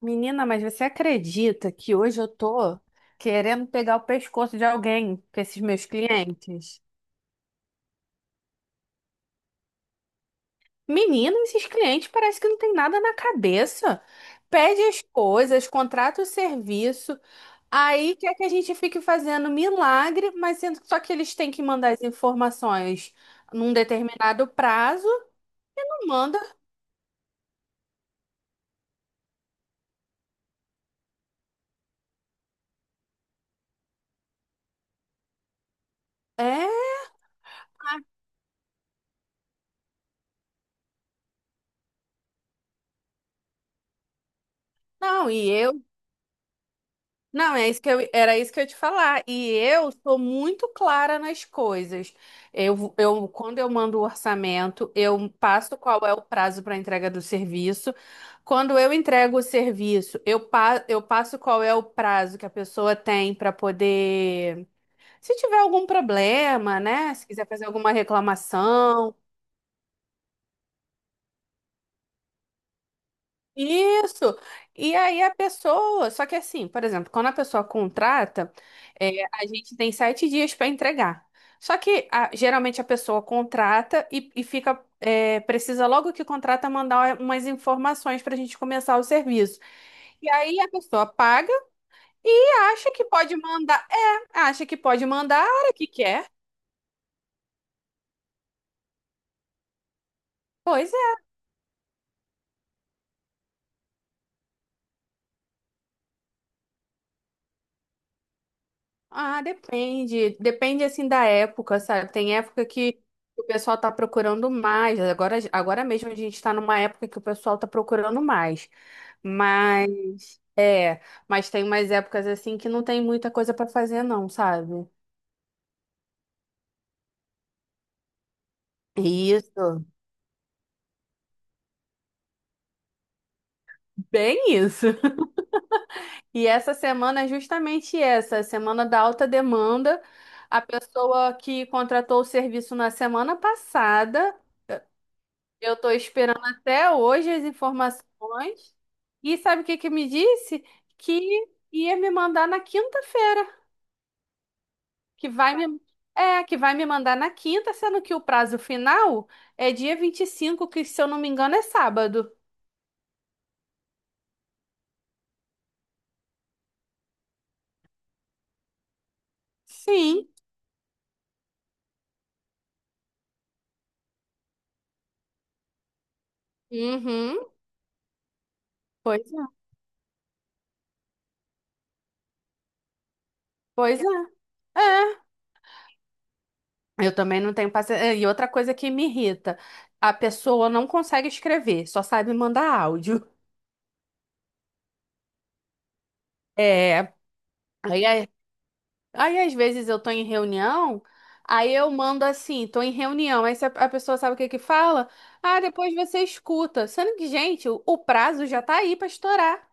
Menina, mas você acredita que hoje eu tô querendo pegar o pescoço de alguém com esses meus clientes? Menina, esses clientes parece que não tem nada na cabeça. Pede as coisas, contrata o serviço, aí quer que a gente fique fazendo milagre, mas sendo só que eles têm que mandar as informações num determinado prazo, não manda. É, não, e eu Não, é isso que eu, era isso que eu ia te falar. E eu sou muito clara nas coisas. Quando eu mando o orçamento, eu passo qual é o prazo para entrega do serviço. Quando eu entrego o serviço, eu passo qual é o prazo que a pessoa tem para poder. Se tiver algum problema, né? Se quiser fazer alguma reclamação. Isso. E aí a pessoa, só que assim, por exemplo, quando a pessoa contrata, é, a gente tem 7 dias para entregar. Só que geralmente a pessoa contrata e fica, é, precisa logo que contrata mandar umas informações para a gente começar o serviço. E aí a pessoa paga e acha que pode mandar, é, acha que pode mandar a hora que quer. Pois é. Ah, depende. Depende assim da época, sabe? Tem época que o pessoal tá procurando mais. Agora mesmo a gente tá numa época que o pessoal tá procurando mais. Mas é, mas tem umas épocas assim que não tem muita coisa pra fazer não, sabe? Isso, bem isso. E essa semana é justamente essa, a semana da alta demanda. A pessoa que contratou o serviço na semana passada, eu estou esperando até hoje as informações. E sabe o que que me disse? Que ia me mandar na quinta-feira, que vai me é, que vai me mandar na quinta, sendo que o prazo final é dia 25, que se eu não me engano é sábado. Sim. Uhum. Pois é. Pois é. É. Eu também não tenho paciência. E outra coisa que me irrita, a pessoa não consegue escrever, só sabe mandar áudio. É. Aí, aí- Aí às vezes eu tô em reunião, aí eu mando assim, tô em reunião, aí se a pessoa sabe o que que fala, ah, depois você escuta. Sendo que, gente, o prazo já tá aí pra estourar.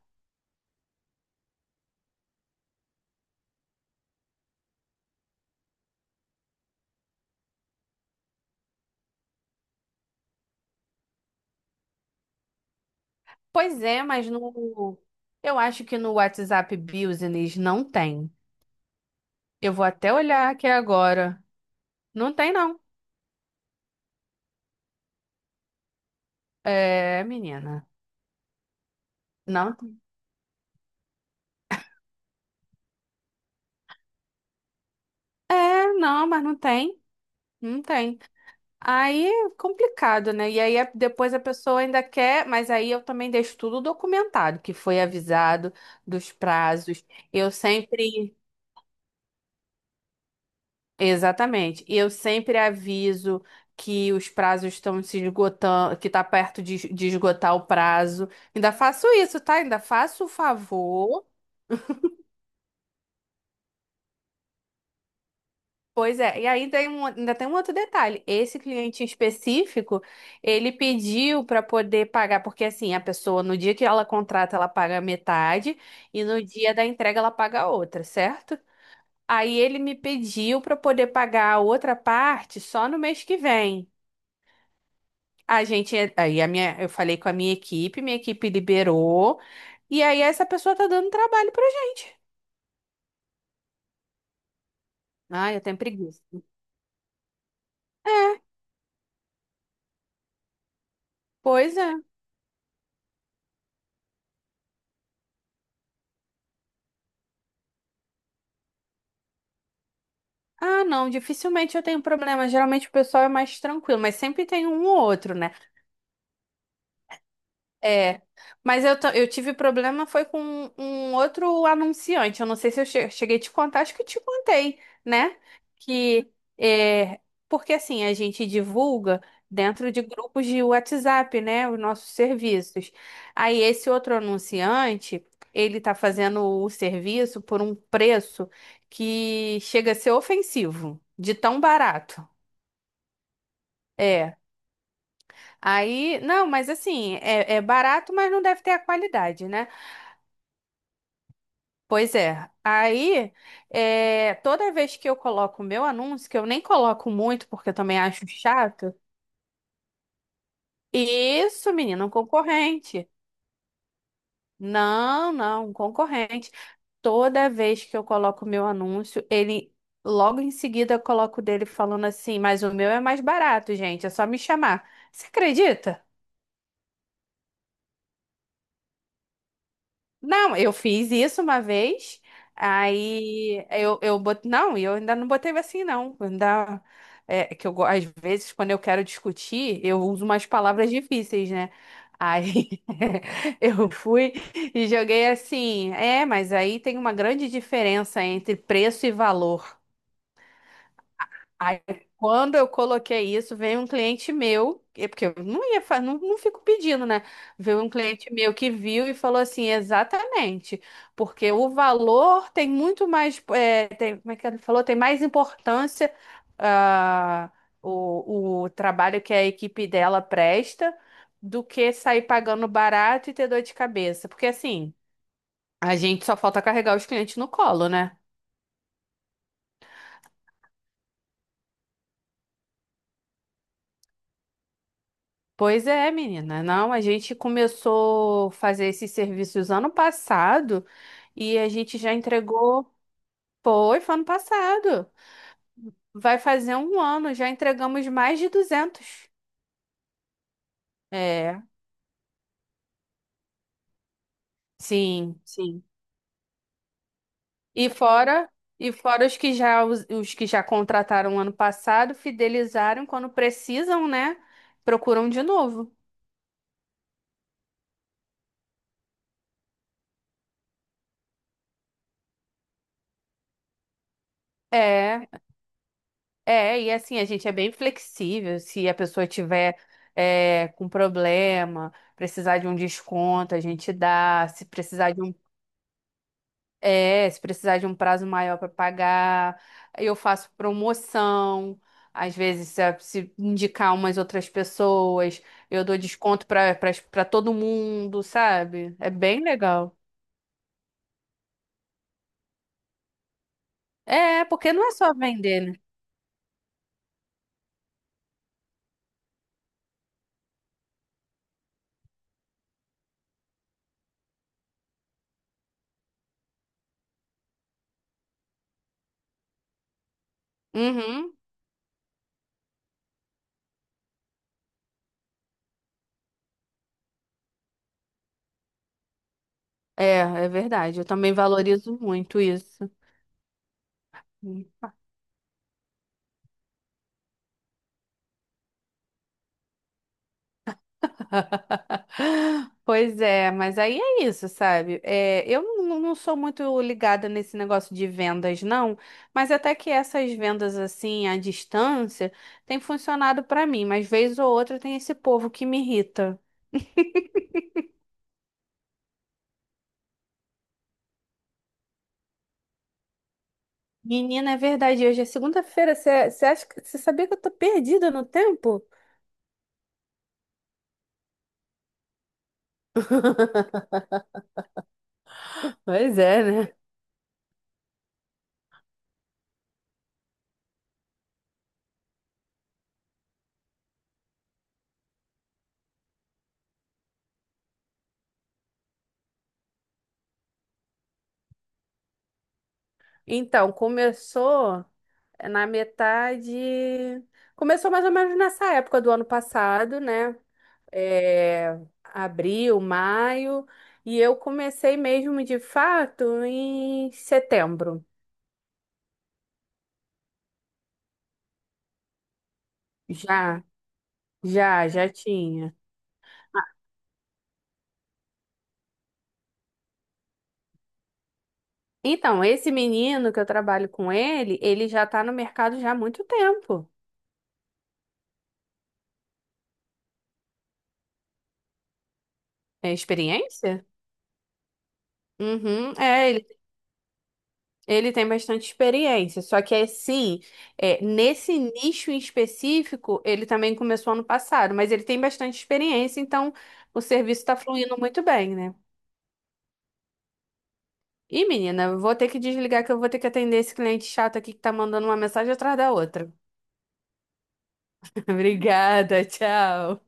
Pois é, mas eu acho que no WhatsApp Business não tem. Eu vou até olhar aqui agora. Não tem não. É, menina. Não. É, não, mas não tem. Não tem. Aí é complicado, né? E depois a pessoa ainda quer, mas aí eu também deixo tudo documentado, que foi avisado dos prazos. Eu sempre, exatamente, eu sempre aviso que os prazos estão se esgotando, que tá perto de esgotar o prazo. Ainda faço isso, tá? Ainda faço o favor. Pois é, e ainda tem um outro detalhe. Esse cliente específico, ele pediu para poder pagar, porque assim, a pessoa no dia que ela contrata, ela paga metade e no dia da entrega ela paga a outra, certo? Aí ele me pediu para poder pagar a outra parte só no mês que vem. A gente, aí a minha, Eu falei com a minha equipe liberou, e aí essa pessoa tá dando trabalho pra gente. Ai, eu tenho preguiça. É, pois é. Ah, não, dificilmente eu tenho problema. Geralmente o pessoal é mais tranquilo, mas sempre tem um ou outro, né? É, mas eu, eu tive problema foi com um outro anunciante. Eu não sei se eu cheguei a te contar, acho que eu te contei, né? Que é, porque assim, a gente divulga dentro de grupos de WhatsApp, né? Os nossos serviços. Aí esse outro anunciante, ele tá fazendo o serviço por um preço que chega a ser ofensivo, de tão barato. É. Aí, não, mas assim, é, é barato, mas não deve ter a qualidade, né? Pois é. Aí, é, toda vez que eu coloco o meu anúncio, que eu nem coloco muito, porque eu também acho chato. Isso, menina, um concorrente. Não, não, um concorrente. Toda vez que eu coloco o meu anúncio, ele logo em seguida eu coloco o dele falando assim, mas o meu é mais barato, gente, é só me chamar. Você acredita? Não, eu fiz isso uma vez, aí eu bot... não, e eu ainda não botei assim, não. Eu ainda... É que eu, às vezes, quando eu quero discutir, eu uso umas palavras difíceis, né? Aí eu fui e joguei assim, é, mas aí tem uma grande diferença entre preço e valor. Aí, quando eu coloquei isso, veio um cliente meu, porque eu não ia, não, não fico pedindo, né? Veio um cliente meu que viu e falou assim, exatamente, porque o valor tem muito mais, é, tem, como é que ele falou? Tem mais importância, ah, o trabalho que a equipe dela presta do que sair pagando barato e ter dor de cabeça. Porque assim, a gente só falta carregar os clientes no colo, né? Pois é, menina. Não, a gente começou a fazer esses serviços ano passado e a gente já entregou. Foi, foi ano passado. Vai fazer um ano, já entregamos mais de 200. É, sim, sim. E fora, e fora os que já contrataram ano passado, fidelizaram quando precisam, né? Procuram de novo. É. É, e assim, a gente é bem flexível. Se a pessoa tiver é, com problema, precisar de um desconto, a gente dá. Se precisar de um, é, se precisar de um prazo maior para pagar, eu faço promoção. Às vezes, se indicar umas outras pessoas, eu dou desconto para para todo mundo, sabe? É bem legal. É, porque não é só vender, né? Uhum. É, é verdade. Eu também valorizo muito isso. Pois é, mas aí é isso, sabe? É, eu não sou muito ligada nesse negócio de vendas, não, mas até que essas vendas assim à distância tem funcionado pra mim, mas vez ou outra tem esse povo que me irrita. Menina, é verdade, hoje é segunda-feira, você acha que você sabia que eu tô perdida no tempo? Pois é, né? Então, começou na metade. Começou mais ou menos nessa época do ano passado, né? É, abril, maio, e eu comecei mesmo de fato em setembro. Já, já, já tinha. Então, esse menino que eu trabalho com ele, ele já tá no mercado já há muito tempo. É experiência? Uhum, é, ele tem bastante experiência, só que assim, é, nesse nicho em específico, ele também começou ano passado, mas ele tem bastante experiência, então o serviço está fluindo muito bem, né? Ih, menina, vou ter que desligar que eu vou ter que atender esse cliente chato aqui que tá mandando uma mensagem atrás da outra. Obrigada, tchau.